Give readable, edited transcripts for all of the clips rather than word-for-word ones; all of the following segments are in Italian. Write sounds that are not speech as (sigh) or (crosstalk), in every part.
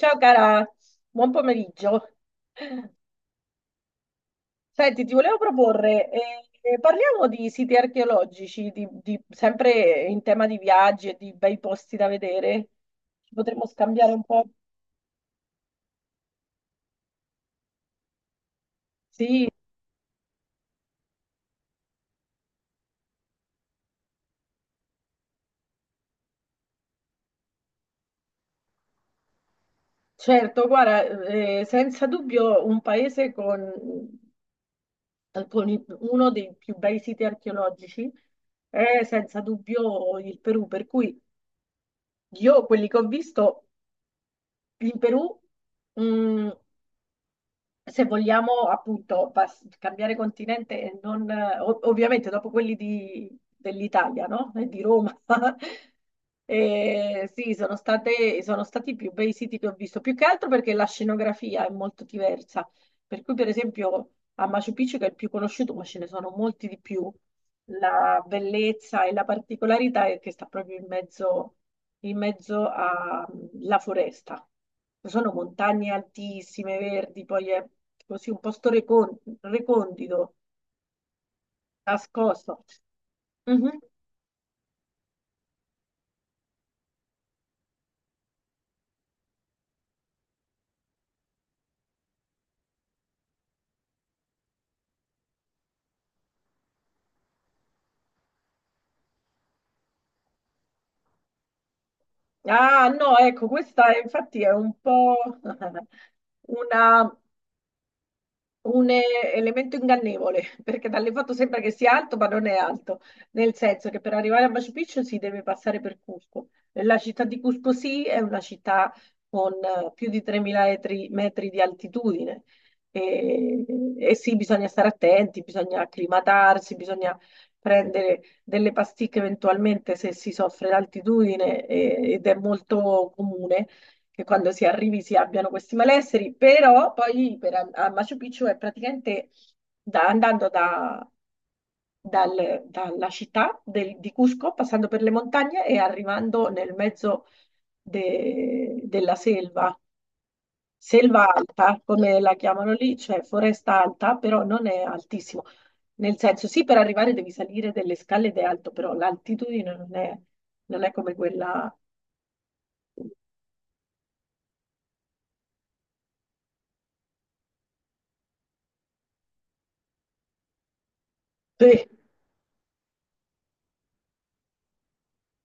Ciao cara, buon pomeriggio. Senti, ti volevo proporre, parliamo di siti archeologici, sempre in tema di viaggi e di bei posti da vedere. Ci potremmo scambiare un po'? Sì, certo, guarda, senza dubbio un paese con uno dei più bei siti archeologici è senza dubbio il Perù, per cui io quelli che ho visto in Perù... mm, se vogliamo appunto cambiare continente e non, ovviamente dopo quelli dell'Italia, no? E di Roma. (laughs) Sì, sono stati i più bei siti che ho visto, più che altro perché la scenografia è molto diversa. Per cui, per esempio, a Machu Picchu, che è il più conosciuto, ma ce ne sono molti di più, la bellezza e la particolarità è che sta proprio in mezzo alla foresta. Sono montagne altissime, verdi, poi è così un posto recondito, nascosto. Mhm. Ah, no, ecco, infatti è un po' (laughs) una un elemento ingannevole, (laughs) perché dalle foto sembra che sia alto, ma non è alto, nel senso che per arrivare a Machu Picchu si deve passare per Cusco. La città di Cusco sì, è una città con più di 3.000 metri, metri di altitudine. E, e sì, bisogna stare attenti, bisogna acclimatarsi, bisogna prendere delle pasticche eventualmente se si soffre d'altitudine ed è molto comune che quando si arrivi si abbiano questi malesseri, però poi per, a Machu Picchu è praticamente andando dalla città di Cusco, passando per le montagne e arrivando nel mezzo della selva. Selva alta, come la chiamano lì, cioè foresta alta, però non è altissimo. Nel senso, sì, per arrivare devi salire delle scale ed è alto, però l'altitudine non è, non è come quella... Sì.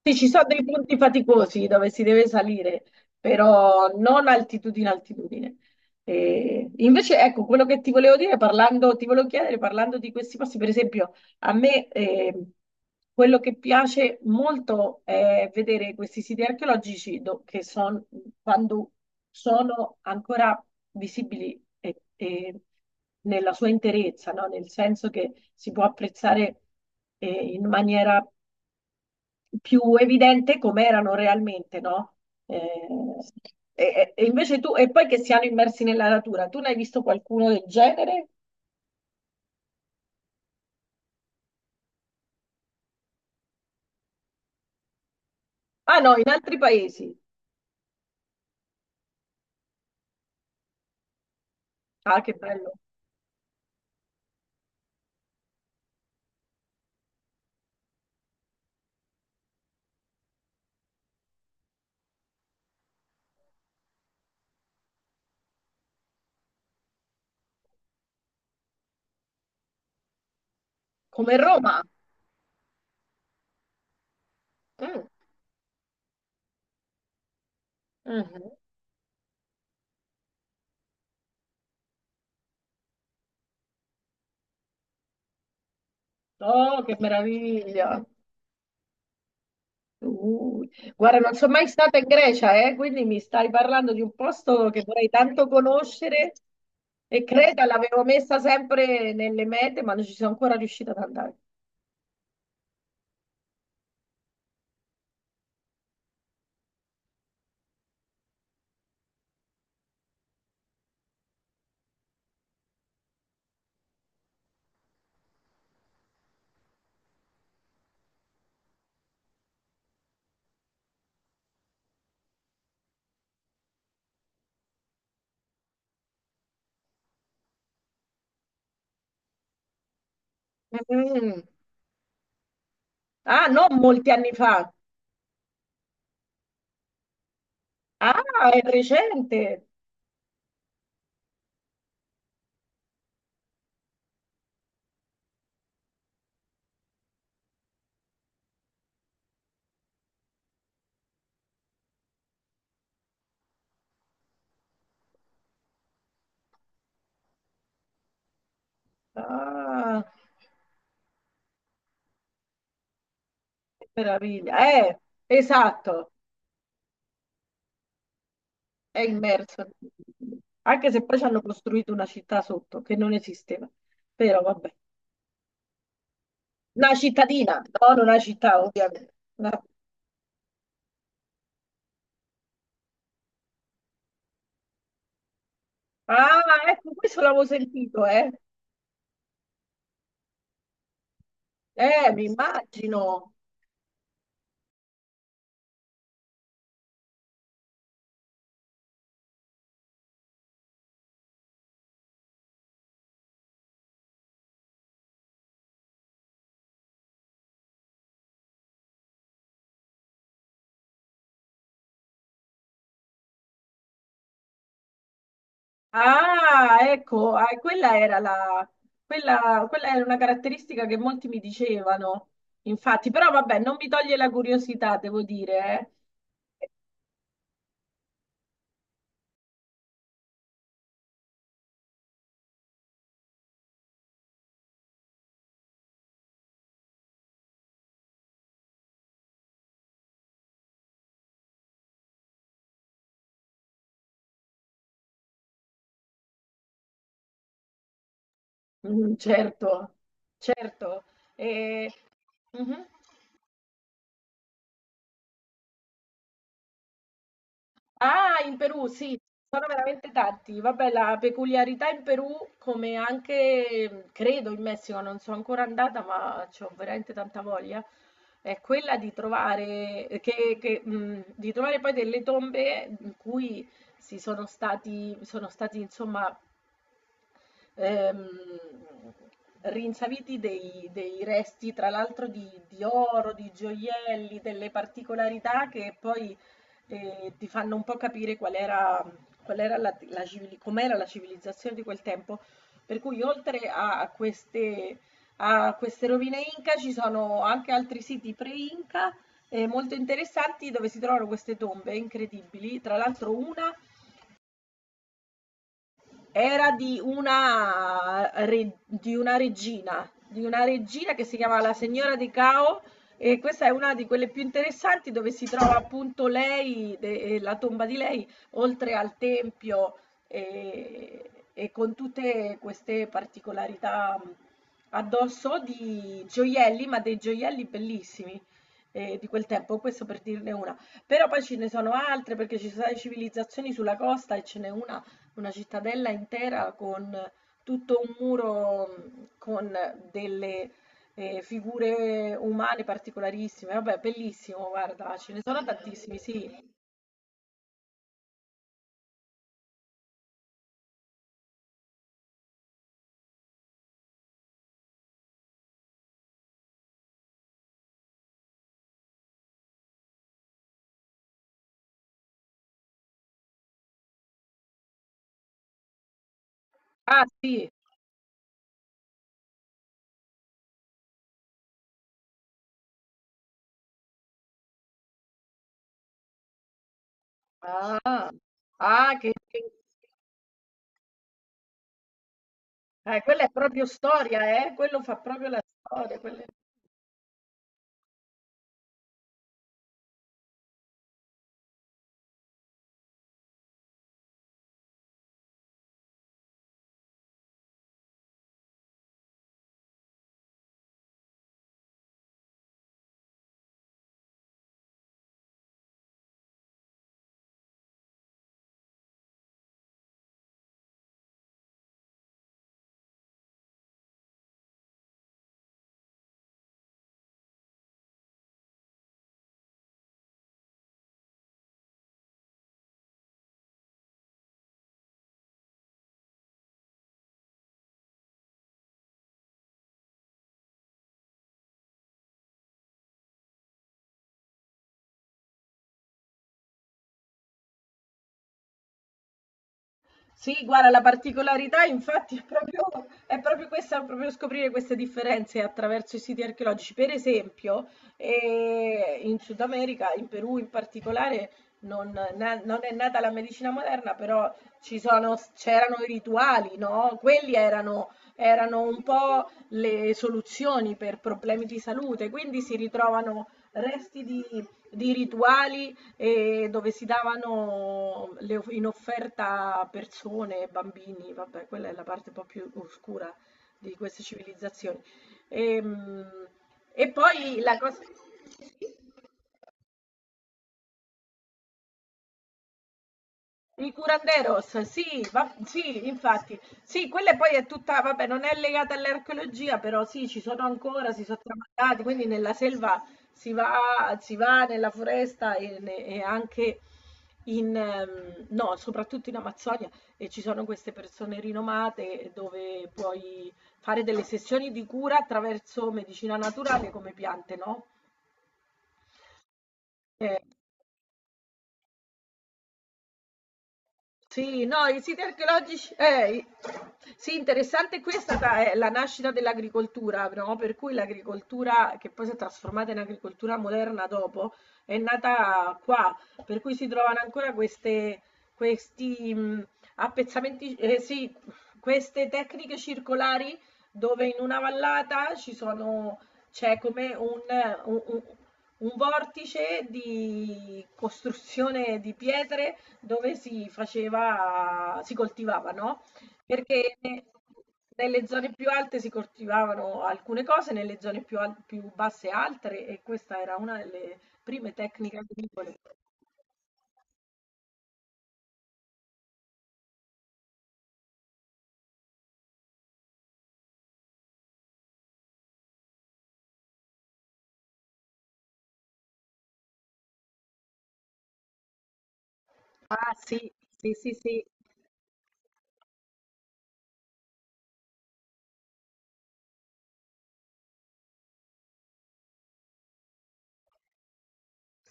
Sì, ci sono dei punti faticosi dove si deve salire, però non altitudine, altitudine. E invece, ecco, quello che ti volevo dire, parlando, ti volevo chiedere, parlando di questi posti, per esempio, a me quello che piace molto è vedere questi siti archeologici che sono, quando sono ancora visibili e nella sua interezza, no? Nel senso che si può apprezzare in maniera più evidente come erano realmente, no? Eh, e invece tu, e poi che siano immersi nella natura, tu ne hai visto qualcuno del genere? Ah no, in altri paesi. Ah, che bello. Come Roma. Mm, mhm. Oh, che meraviglia. Uh, guarda, non sono mai stata in Grecia, quindi mi stai parlando di un posto che vorrei tanto conoscere e Creta l'avevo messa sempre nelle mete, ma non ci sono ancora riuscita ad andare. Mm. Ah, non molti anni fa. Ah, è recente. Ah, che meraviglia. Esatto, è immerso. Anche se poi ci hanno costruito una città sotto che non esisteva. Però vabbè. Una cittadina, no, non una città, ovviamente. Una- Ah, ecco, questo l'avevo sentito, eh. Mi immagino. Ah, ecco, ah, quella era la, quella, quella era una caratteristica che molti mi dicevano, infatti, però vabbè, non mi toglie la curiosità, devo dire, eh. Mm, certo, certo. E- mhm. Ah, in Perù, sì, sono veramente tanti. Vabbè, la peculiarità in Perù, come anche credo in Messico, non sono ancora andata, ma ho veramente tanta voglia, è quella di trovare, che, di trovare poi delle tombe in cui sono stati, insomma, ehm, rinsaviti dei resti, tra l'altro, di oro, di gioielli, delle particolarità che poi ti fanno un po' capire qual era la com'era la civilizzazione di quel tempo. Per cui oltre a queste rovine Inca ci sono anche altri siti pre-Inca molto interessanti dove si trovano queste tombe incredibili. Tra l'altro una era di una regina che si chiama la Signora di Cao e questa è una di quelle più interessanti dove si trova appunto lei, la tomba di lei, oltre al tempio e con tutte queste particolarità addosso di gioielli, ma dei gioielli bellissimi di quel tempo, questo per dirne una. Però poi ce ne sono altre perché ci sono state civilizzazioni sulla costa e ce n'è una cittadella intera con tutto un muro con delle figure umane particolarissime. Vabbè, bellissimo, guarda, ce ne sono tantissimi, sì. Ah, sì. Ah, ah, quella è proprio storia, eh? Quello fa proprio la storia. Quelle- Sì, guarda, la particolarità infatti è proprio questa, proprio scoprire queste differenze attraverso i siti archeologici. Per esempio, in Sud America, in Perù in particolare, non, non è nata la medicina moderna, però c'erano i rituali, no? Quelli erano, erano un po' le soluzioni per problemi di salute, quindi si ritrovano resti di rituali e dove si davano in offerta persone, bambini, vabbè, quella è la parte un po' più oscura di queste civilizzazioni. Ehm, E, poi la cosa... I curanderos, sì, sì, infatti, sì, quella poi è tutta, vabbè, non è legata all'archeologia, però sì, ci sono ancora, si sono tramandati, quindi nella selva si va, si va nella foresta e anche in, no, soprattutto in Amazzonia, e ci sono queste persone rinomate dove puoi fare delle sessioni di cura attraverso medicina naturale come piante, no? Eh, sì, no, i siti archeologici, sì, interessante è la nascita dell'agricoltura, no? Per cui l'agricoltura, che poi si è trasformata in agricoltura moderna dopo, è nata qua, per cui si trovano ancora queste, questi appezzamenti, sì, queste tecniche circolari dove in una vallata ci sono, c'è come un, un un- un vortice di costruzione di pietre dove si coltivava, no, perché ne nelle zone più alte si coltivavano alcune cose, nelle zone più basse altre e questa era una delle prime tecniche agricole. Ah sì, sì, sì, sì.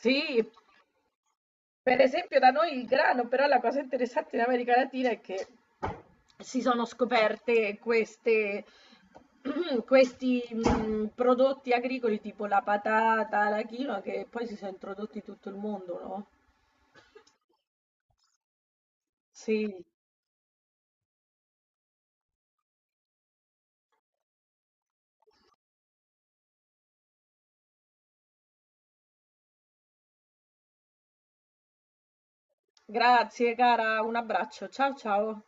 Sì, per esempio da noi il grano, però la cosa interessante in America Latina è che si sono scoperte (clears throat) questi prodotti agricoli tipo la patata, la quinoa, che poi si sono introdotti in tutto il mondo, no? Sì, grazie cara, un abbraccio, ciao ciao.